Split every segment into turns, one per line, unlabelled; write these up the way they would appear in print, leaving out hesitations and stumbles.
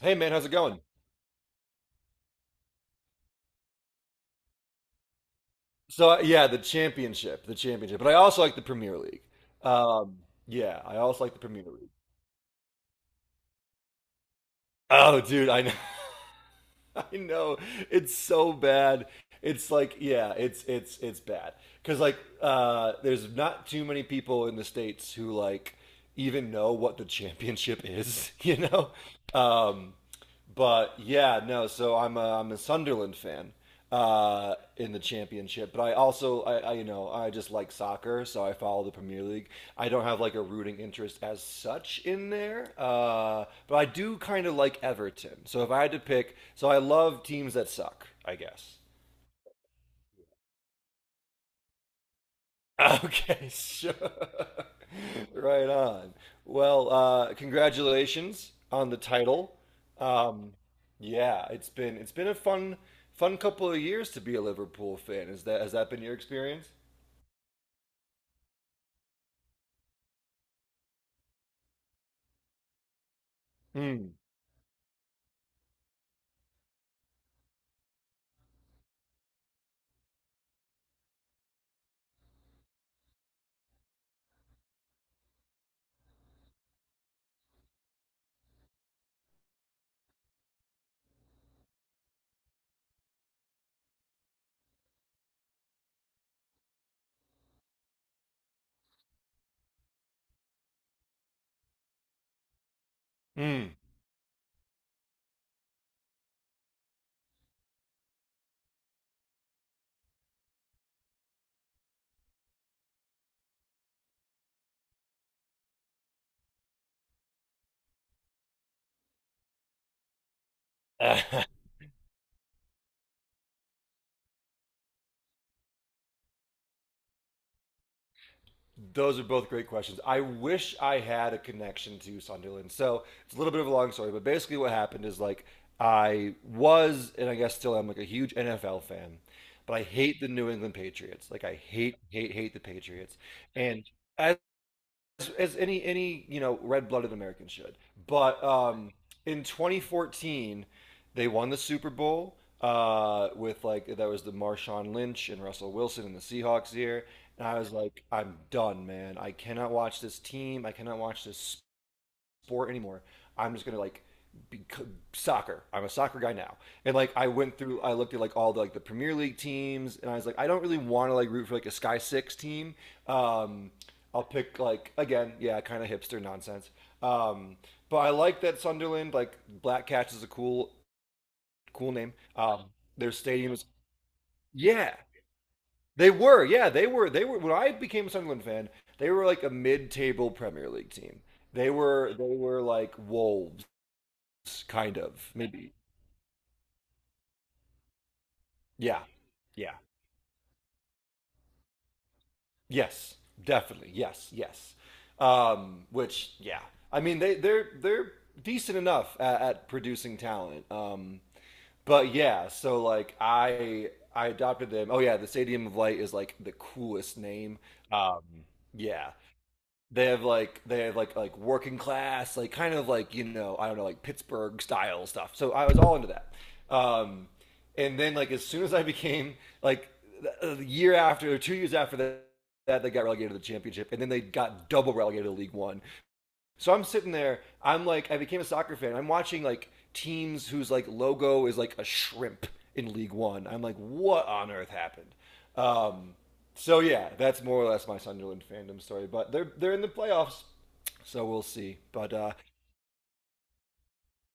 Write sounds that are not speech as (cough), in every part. Hey man, how's it going? So the championship, but I also like the Premier League. Um, yeah, I also like the Premier League. Oh, dude, I know, (laughs) I know, it's so bad. It's like yeah, it's bad because there's not too many people in the States who like even know what the championship is, (laughs) Um, But yeah, no. So I'm a Sunderland fan in the championship, but I also I you know I just like soccer, so I follow the Premier League. I don't have like a rooting interest as such in there, but I do kind of like Everton. So if I had to pick, so I love teams that suck, I guess. Okay, sure. (laughs) Right on. Well, congratulations on the title. Um, yeah, it's been a fun couple of years to be a Liverpool fan. Is that has that been your experience? Mm. Mm. (laughs) Those are both great questions. I wish I had a connection to Sunderland. So it's a little bit of a long story, but basically what happened is like I was, and I guess still am, like a huge NFL fan, but I hate the New England Patriots. Like I hate, hate, hate the Patriots. And as as any you know red-blooded American should. But in 2014, they won the Super Bowl with like that was the Marshawn Lynch and Russell Wilson and the Seahawks here, and I was like, I'm done, man. I cannot watch this team. I cannot watch this sport anymore. I'm just gonna like be soccer. I'm a soccer guy now, and like I went through, I looked at like all the like the Premier League teams, and I was like, I don't really want to like root for like a Sky Six team. Um, I'll pick like again, yeah, kind of hipster nonsense. Um, but I like that Sunderland, like Black Cats is a cool name. Their stadium is yeah, they were when I became a Sunderland fan, they were like a mid-table Premier League team. They were like wolves s- kind of maybe yeah, yeah, yes, definitely, yes, yes. Which yeah I mean they're decent enough at producing talent. But yeah, so like I adopted them. Oh, yeah, the Stadium of Light is like the coolest name. um yeah they have like they have like working class, like kind of, like you know, I don't know, like pittsburgh style stuff, so I was all into that. um and then, like, as soon as I became like a year after or 2 years after that that they got relegated to the championship, and then they got double relegated to League One. So I'm sitting there. I'm like, I became a soccer fan. I'm watching like teams whose like logo is like a shrimp in League One. I'm like, what on earth happened? Um, so yeah, that's more or less my Sunderland fandom story. But they're in the playoffs, so we'll see. But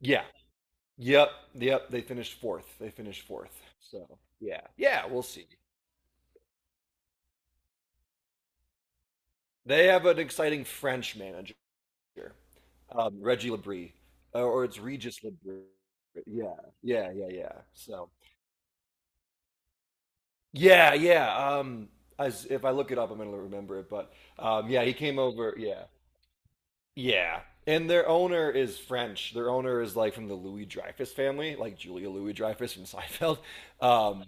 yeah, yep, yep. They finished fourth. They finished fourth. So yeah, yeah, we'll see. They have an exciting French manager, Reggie Labrie, or it's Regis Labrie. Yeah, yeah, yeah, yeah. So yeah, yeah. As if I look it up, I'm gonna remember it. But yeah, he came over. Yeah, yeah. And their owner is French. Their owner is like from the Louis Dreyfus family, like Julia Louis Dreyfus from (laughs) Seinfeld. Um,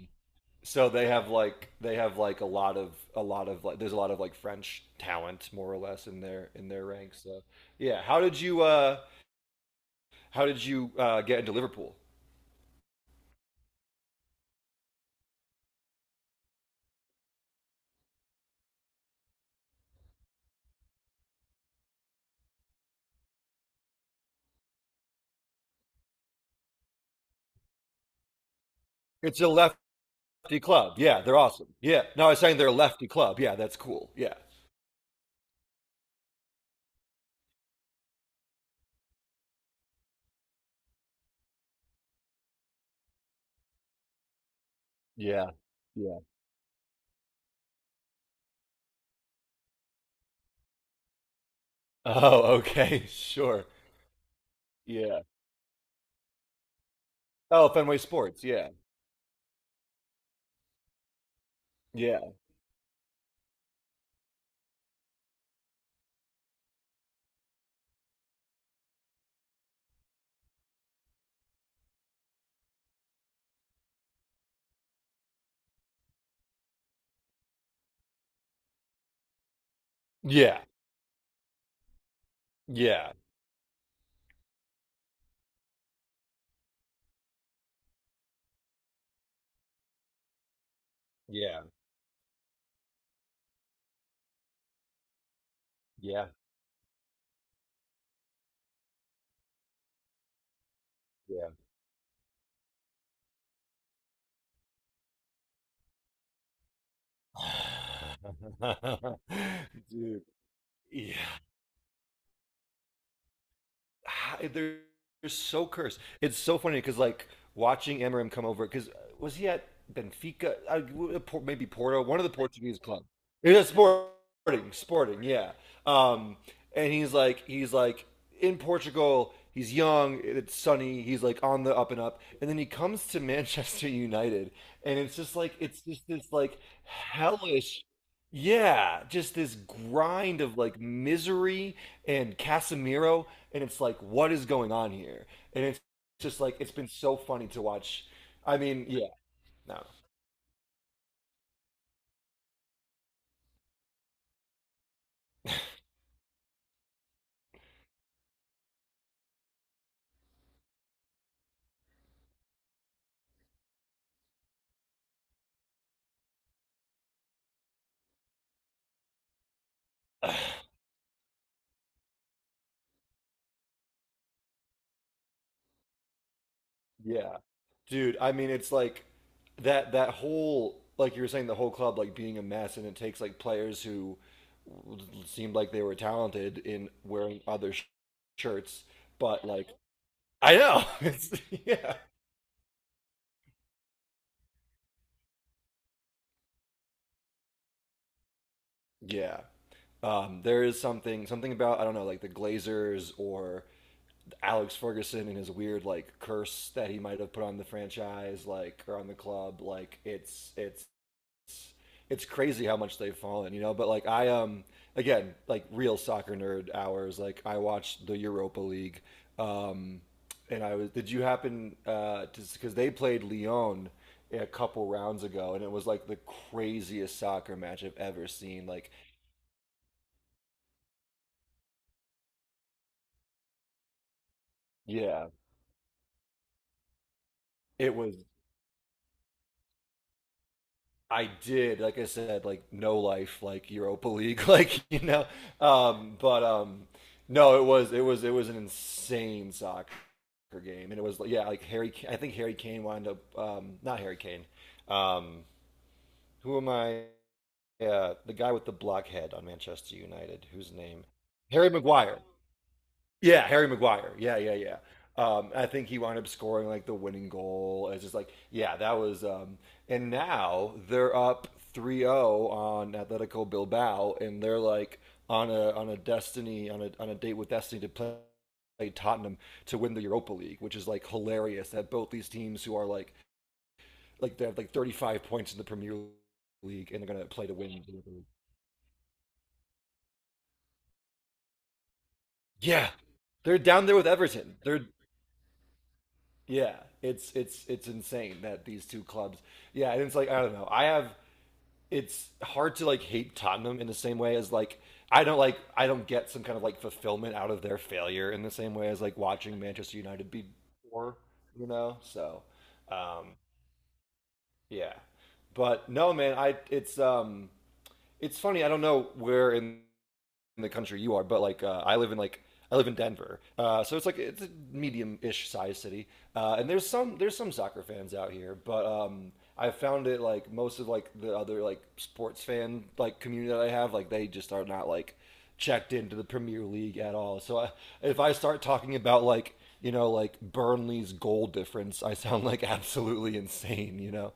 so they have like a lot of like there's a lot of like French talent more or less in their ranks. So yeah, how did you get into Liverpool? It's a lefty club. Yeah, they're awesome. Yeah. No, I was saying they're a lefty club. Yeah, that's cool. Yeah. Yeah. Oh, okay, (laughs) sure. Yeah. Oh, Fenway Sports. Yeah. Yeah. Yeah. Yeah. Yeah. Yeah. Yeah. (sighs) Dude. Yeah. they're, they're so cursed. It's so funny because like watching Amarim come over because was he at Benfica? I, w- Por- maybe Porto, one of the Portuguese clubs. Yeah, Sporting, yeah. Um, and he's like in Portugal. He's young. It's sunny. He's like on the up and up. And then he comes to (laughs) Manchester United, and it's just this like hellish, yeah, just this grind of like misery and Casemiro, and it's like, what is going on here? And it's just like it's been so funny to watch. I mean, yeah, no, (sighs) yeah, dude. I mean, it's like that that whole like you were saying the whole club like being a mess, and it takes like players who seemed like they were talented in wearing other shirts, but like I know, (laughs) it's, yeah, yeah. There is something about I don't know like the Glazers or Alex Ferguson and his weird like curse that he might have put on the franchise, like or on the club. Like it's it's crazy how much they've fallen, you know. But like I again like real soccer nerd hours. Like I watched the Europa League, um, and I was. Did you happen to because they played Lyon a couple rounds ago, and it was like the craziest soccer match I've ever seen. Like yeah, it was I did, like I said, like no life, like Europa League, (laughs) like you know. But no, it was it was an insane soccer game, and it was yeah, like Harry. I think Harry Kane wound up not Harry Kane. Um, who am I? The guy with the blockhead on Manchester United, whose name Harry Maguire. Yeah, Harry Maguire. Yeah, yeah, yeah. I think he wound up scoring like the winning goal. It's just like, yeah, that was. And now they're up 3-0 on Atletico Bilbao, and they're like on a destiny on a date with destiny to play Tottenham to win the Europa League, which is like hilarious that both these teams who are like they have like 35 points in the Premier League, and they're gonna play to win the Europa League. Yeah, they're down there with Everton. They're yeah, it's it's insane that these two clubs. Yeah, and it's like I don't know. I have it's hard to like hate Tottenham in the same way as like I don't get some kind of like fulfillment out of their failure in the same way as like watching Manchester United be poor, you know? So, um yeah. But no, man, I it's funny. I don't know where in the country you are, but like I live in like I live in Denver, so it's like it's a medium-ish size city, and there's some soccer fans out here, but I found it like most of like the other like sports fan like community that I have, like they just are not like checked into the Premier League at all. So I, if I start talking about like you know like Burnley's goal difference, I sound like absolutely insane. You know?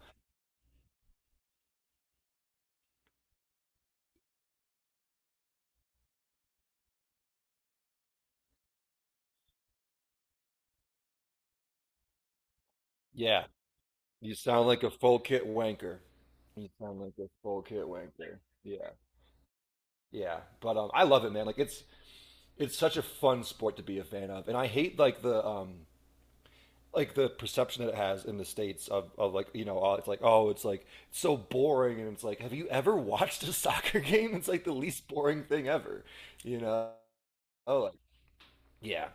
Yeah, you sound like a full kit wanker. You sound like a full kit wanker. Yeah. Yeah, but I love it, man. Like it's such a fun sport to be a fan of, and I hate like the perception that it has in the states of like you know it's like oh it's like it's so boring and it's like have you ever (laughs) watched a soccer game? It's like the least boring thing ever, you know? Oh, like, yeah.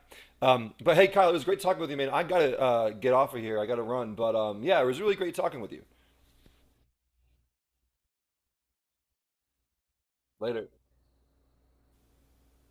But hey, Kyle, it was great talking with you, man. I gotta get off of here. I gotta run, but yeah, it was really great talking with you. Later.